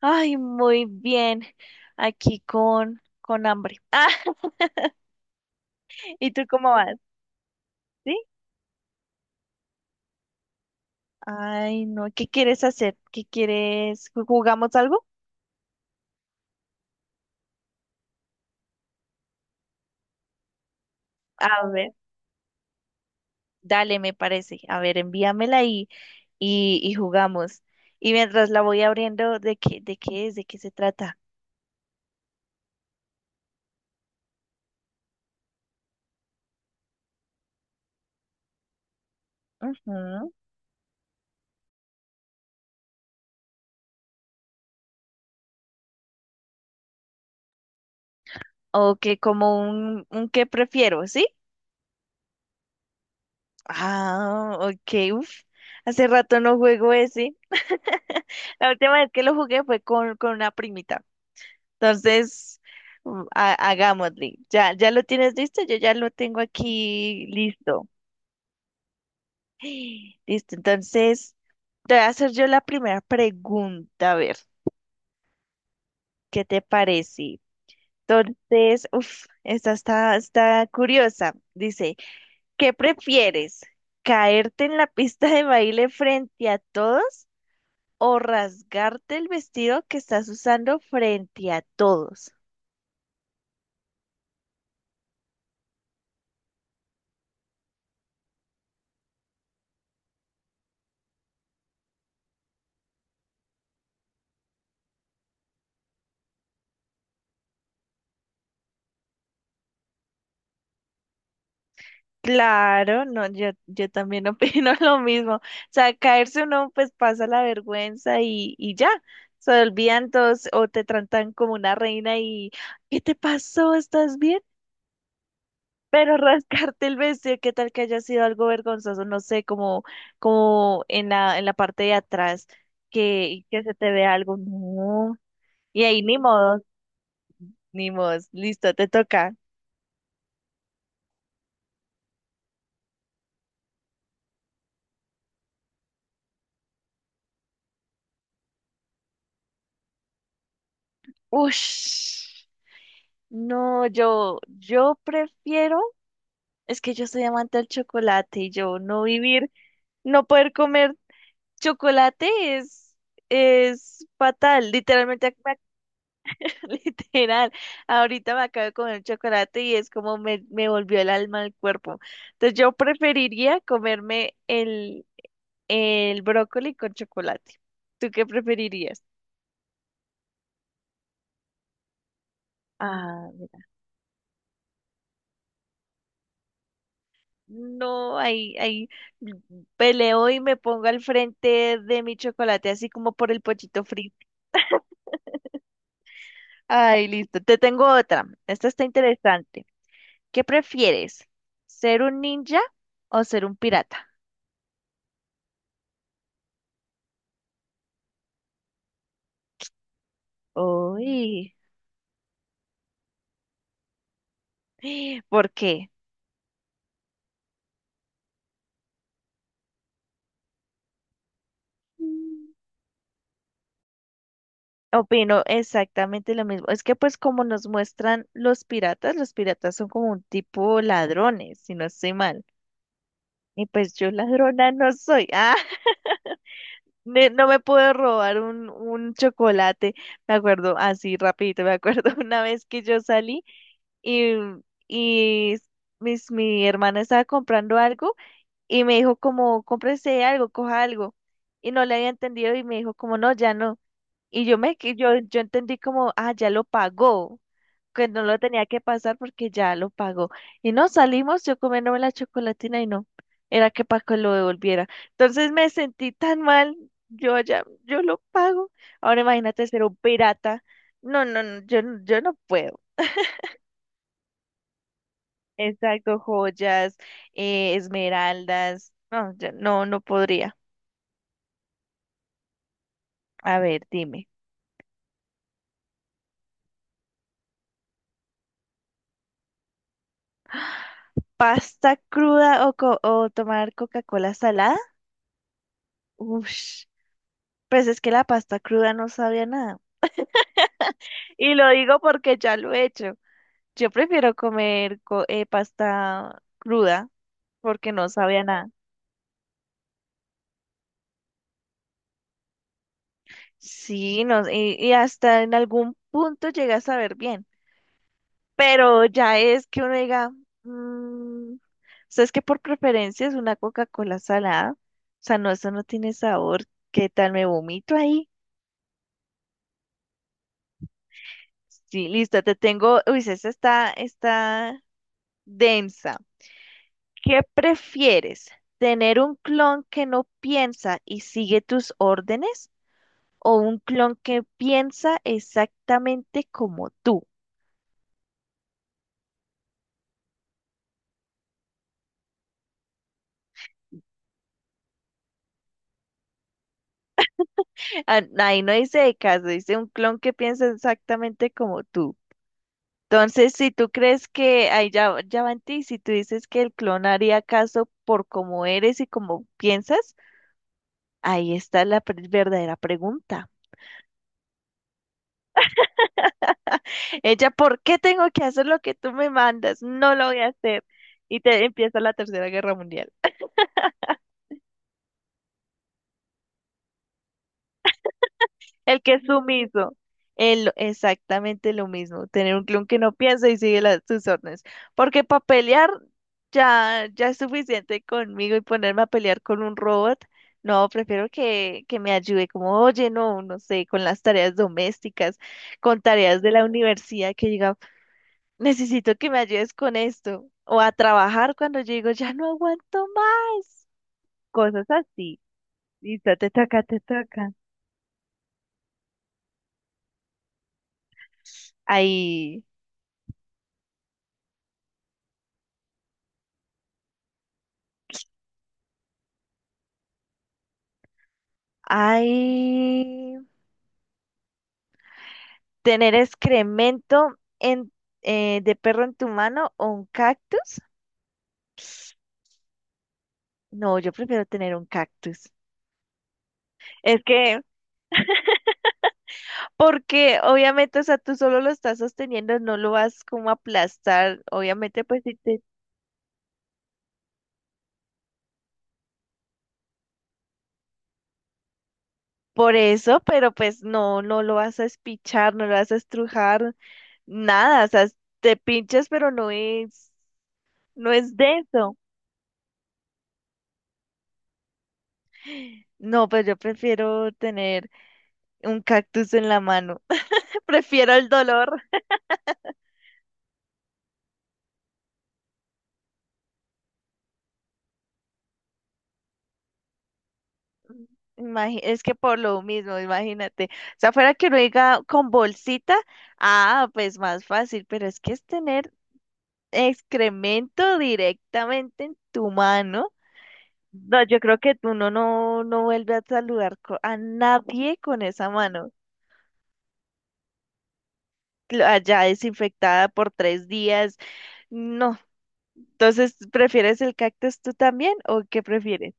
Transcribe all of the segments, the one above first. Ay, muy bien. Aquí con hambre. Ah, ¿y tú cómo vas? ¿Sí? Ay, no. ¿Qué quieres hacer? ¿Qué quieres? ¿Jugamos algo? A ver, dale, me parece. A ver, envíamela y jugamos. Y mientras la voy abriendo, ¿de qué es? ¿De qué se trata? Ujú. O que como un qué prefiero, ¿sí? Ah, ok, uf. Hace rato no juego ese. La última vez que lo jugué fue con una primita. Entonces, hagámosle. Ya, ya lo tienes listo, yo ya lo tengo aquí listo. Listo, entonces, te voy a hacer yo la primera pregunta, a ver, ¿qué te parece? Entonces, uff, esta está curiosa. Dice, ¿qué prefieres? ¿Caerte en la pista de baile frente a todos o rasgarte el vestido que estás usando frente a todos? Claro, no, yo también opino lo mismo. O sea, caerse uno pues pasa la vergüenza y ya, se olvidan todos o te tratan como una reina y ¿qué te pasó? ¿Estás bien? Pero rascarte el vestido, ¿qué tal que haya sido algo vergonzoso? No sé, como en la parte de atrás, que se te vea algo. No. Y ahí ni modo, ni modo, listo, te toca. Ush. No, yo prefiero. Es que yo soy amante del chocolate y yo no vivir, no poder comer chocolate es, es fatal. Literalmente, me literal. Ahorita me acabo de comer chocolate y es como me volvió el alma al cuerpo. Entonces yo preferiría comerme el brócoli con chocolate. ¿Tú qué preferirías? Ah, no, ahí peleo y me pongo al frente de mi chocolate, así como por el pochito frito. Ay, listo. Te tengo otra. Esta está interesante. ¿Qué prefieres? ¿Ser un ninja o ser un pirata? Uy, ¿por qué? Mm. Opino exactamente lo mismo. Es que pues como nos muestran los piratas son como un tipo ladrones, si no estoy mal. Y pues yo ladrona no soy. Ah, no me puedo robar un chocolate. Me acuerdo, así rapidito, me acuerdo una vez que yo salí. y, y mi hermana estaba comprando algo y me dijo como, cómprese algo, coja algo. Y no le había entendido y me dijo como, no, ya no. Y yo me, que- yo entendí como, ah, ya lo pagó, que no lo tenía que pasar porque ya lo pagó. Y no salimos, yo comiéndome la chocolatina y no, era que Paco lo devolviera. Entonces me sentí tan mal, yo ya, yo lo pago. Ahora imagínate ser un pirata. No, no, no, yo no puedo. Exacto, joyas, esmeraldas. No, no podría. A ver, dime. ¿Pasta cruda o tomar Coca-Cola salada? Ush, pues es que la pasta cruda no sabía a nada. Y lo digo porque ya lo he hecho. Yo prefiero comer pasta cruda porque no sabía nada. Sí, no, y hasta en algún punto llega a saber bien. Pero ya es que uno diga, O sea, es que por preferencia es una Coca-Cola salada. O sea, no, eso no tiene sabor. ¿Qué tal? ¿Me vomito ahí? Sí, listo, te tengo. Uy, esa está densa. ¿Qué prefieres? ¿Tener un clon que no piensa y sigue tus órdenes? ¿O un clon que piensa exactamente como tú? Ah, ahí no dice de caso, dice un clon que piensa exactamente como tú. Entonces, si tú crees que ahí ya, ya va en ti, si tú dices que el clon haría caso por cómo eres y cómo piensas, ahí está la verdadera pregunta. Ella, ¿por qué tengo que hacer lo que tú me mandas? No lo voy a hacer. Y te empieza la Tercera Guerra Mundial. El que es sumiso. El, exactamente lo mismo. Tener un clon que no piensa y sigue sus órdenes. Porque para pelear ya, ya es suficiente conmigo y ponerme a pelear con un robot. No, prefiero que me ayude como, oye, no, no sé, con las tareas domésticas, con tareas de la universidad, que diga, necesito que me ayudes con esto. O a trabajar cuando yo digo, ya no aguanto más. Cosas así. Listo, te toca, te toca. Ahí. Ay, tener excremento de perro en tu mano o un cactus. No, yo prefiero tener un cactus. Es que, porque obviamente, o sea, tú solo lo estás sosteniendo, no lo vas como a aplastar. Obviamente, pues sí te- por eso, pero pues no, no lo vas a espichar, no lo vas a estrujar, nada. O sea, te pinchas, pero no es denso. No, pues yo prefiero tener un cactus en la mano. Prefiero el dolor. Es que por lo mismo, imagínate. O sea, fuera que uno diga con bolsita, ah, pues más fácil, pero es que es tener excremento directamente en tu mano. No, yo creo que tú no vuelves a saludar a nadie con esa mano allá desinfectada por 3 días. No. Entonces, ¿prefieres el cactus tú también o qué prefieres?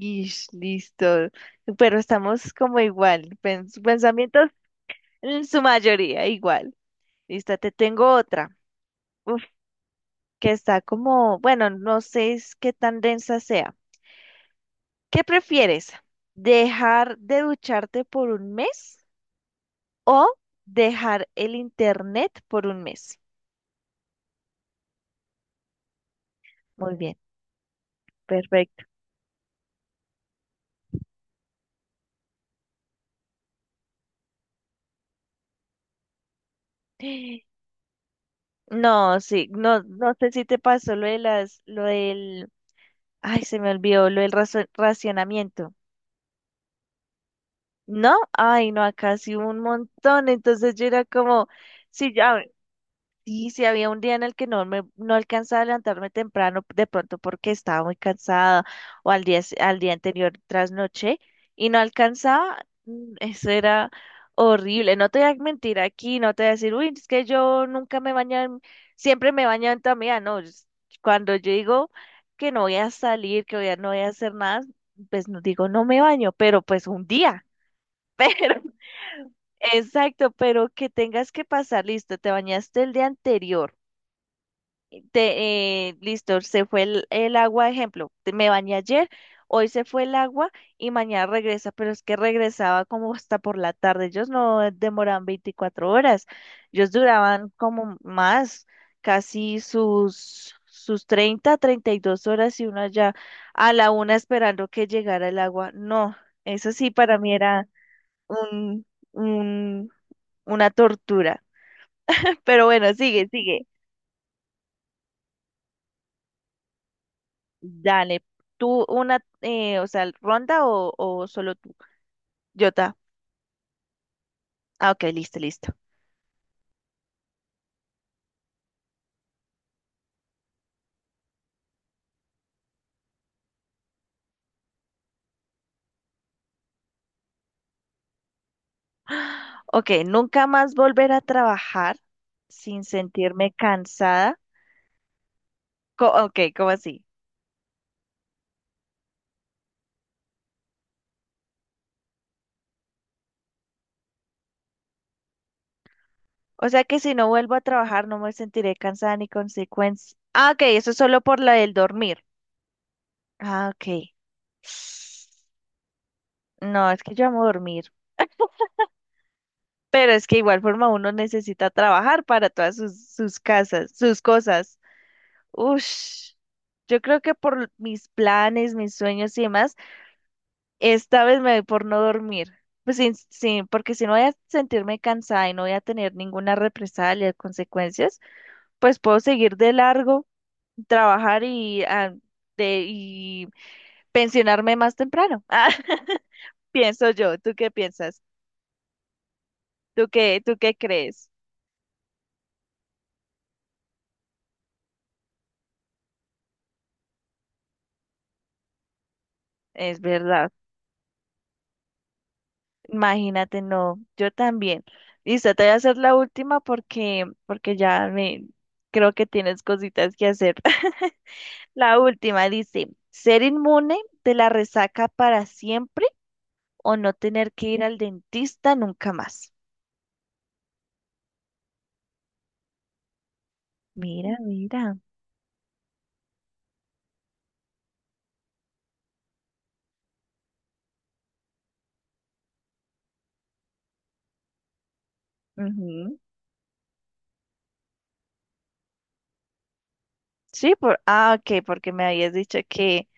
Ish, listo. Pero estamos como igual. Pensamientos. En su mayoría, igual. Listo, te tengo otra. Uf, que está como, bueno, no sé es qué tan densa sea. ¿Qué prefieres? ¿Dejar de ducharte por un mes o dejar el internet por un mes? Muy bien, perfecto. No, sí, no, no sé si te pasó lo de lo del, ay, se me olvidó, lo del racionamiento. No, ay, no, acá sí hubo un montón. Entonces yo era como, sí, ya. Sí, sí, había un día en el que no alcanzaba a levantarme temprano, de pronto porque estaba muy cansada, o al día anterior trasnoché, y no alcanzaba, eso era horrible, no te voy a mentir aquí, no te voy a decir, uy, es que yo nunca me baño, siempre me baño en toda mi vida", no, cuando yo digo que no voy a salir, que no voy a hacer nada, pues no digo no me baño, pero pues un día, pero, exacto, pero que tengas que pasar, listo, te bañaste el día anterior listo, se fue el agua, ejemplo, me bañé ayer, hoy se fue el agua y mañana regresa, pero es que regresaba como hasta por la tarde, ellos no demoraban 24 horas, ellos duraban como más, casi sus 30, 32 horas y uno allá a la una esperando que llegara el agua. No, eso sí para mí era un, un, una tortura, pero bueno, sigue, sigue. Dale, tú una, o sea, ronda o solo tú. Jota. Ah, ok, listo, listo. Ok, nunca más volver a trabajar sin sentirme cansada. Ok, ¿cómo así? O sea que si no vuelvo a trabajar no me sentiré cansada ni consecuencia. Ah, ok, eso es solo por la del dormir. Ah, ok. No, es que yo amo dormir. Pero es que igual forma uno necesita trabajar para todas sus casas, sus cosas. Ush, yo creo que por mis planes, mis sueños y demás, esta vez me doy por no dormir. Pues porque si no voy a sentirme cansada y no voy a tener ninguna represalia, consecuencias, pues puedo seguir de largo, trabajar y pensionarme más temprano. Ah, pienso yo. ¿Tú qué piensas? ¿Tú qué crees? Es verdad. Imagínate, no, yo también. Listo, te voy a hacer la última porque ya me creo que tienes cositas que hacer. La última dice, ¿ser inmune de la resaca para siempre o no tener que ir al dentista nunca más? Mira, mira. Ujú. Sí, ok, porque me habías dicho que,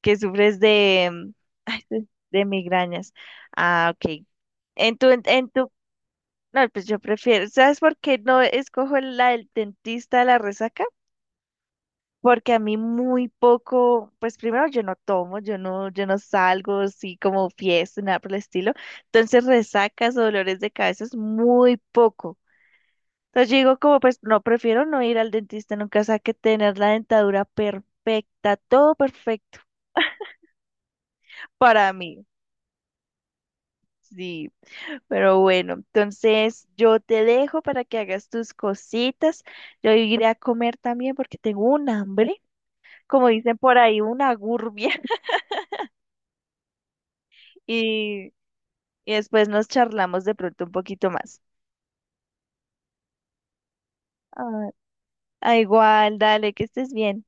que sufres de, mm, ay, de migrañas. Ah, ok. En tu No, pues yo prefiero, ¿sabes por qué no escojo la del dentista de la resaca? Porque a mí muy poco, pues primero yo no tomo, yo no salgo así como fiesta, nada por el estilo. Entonces resacas o dolores de cabeza es muy poco. Entonces yo digo como, pues no, prefiero no ir al dentista nunca, o sea, que tener la dentadura perfecta, todo perfecto para mí. Sí. Pero bueno, entonces yo te dejo para que hagas tus cositas. Yo iré a comer también porque tengo un hambre, como dicen por ahí, una gurbia. Y, y después nos charlamos de pronto un poquito más. Ah, igual, dale, que estés bien.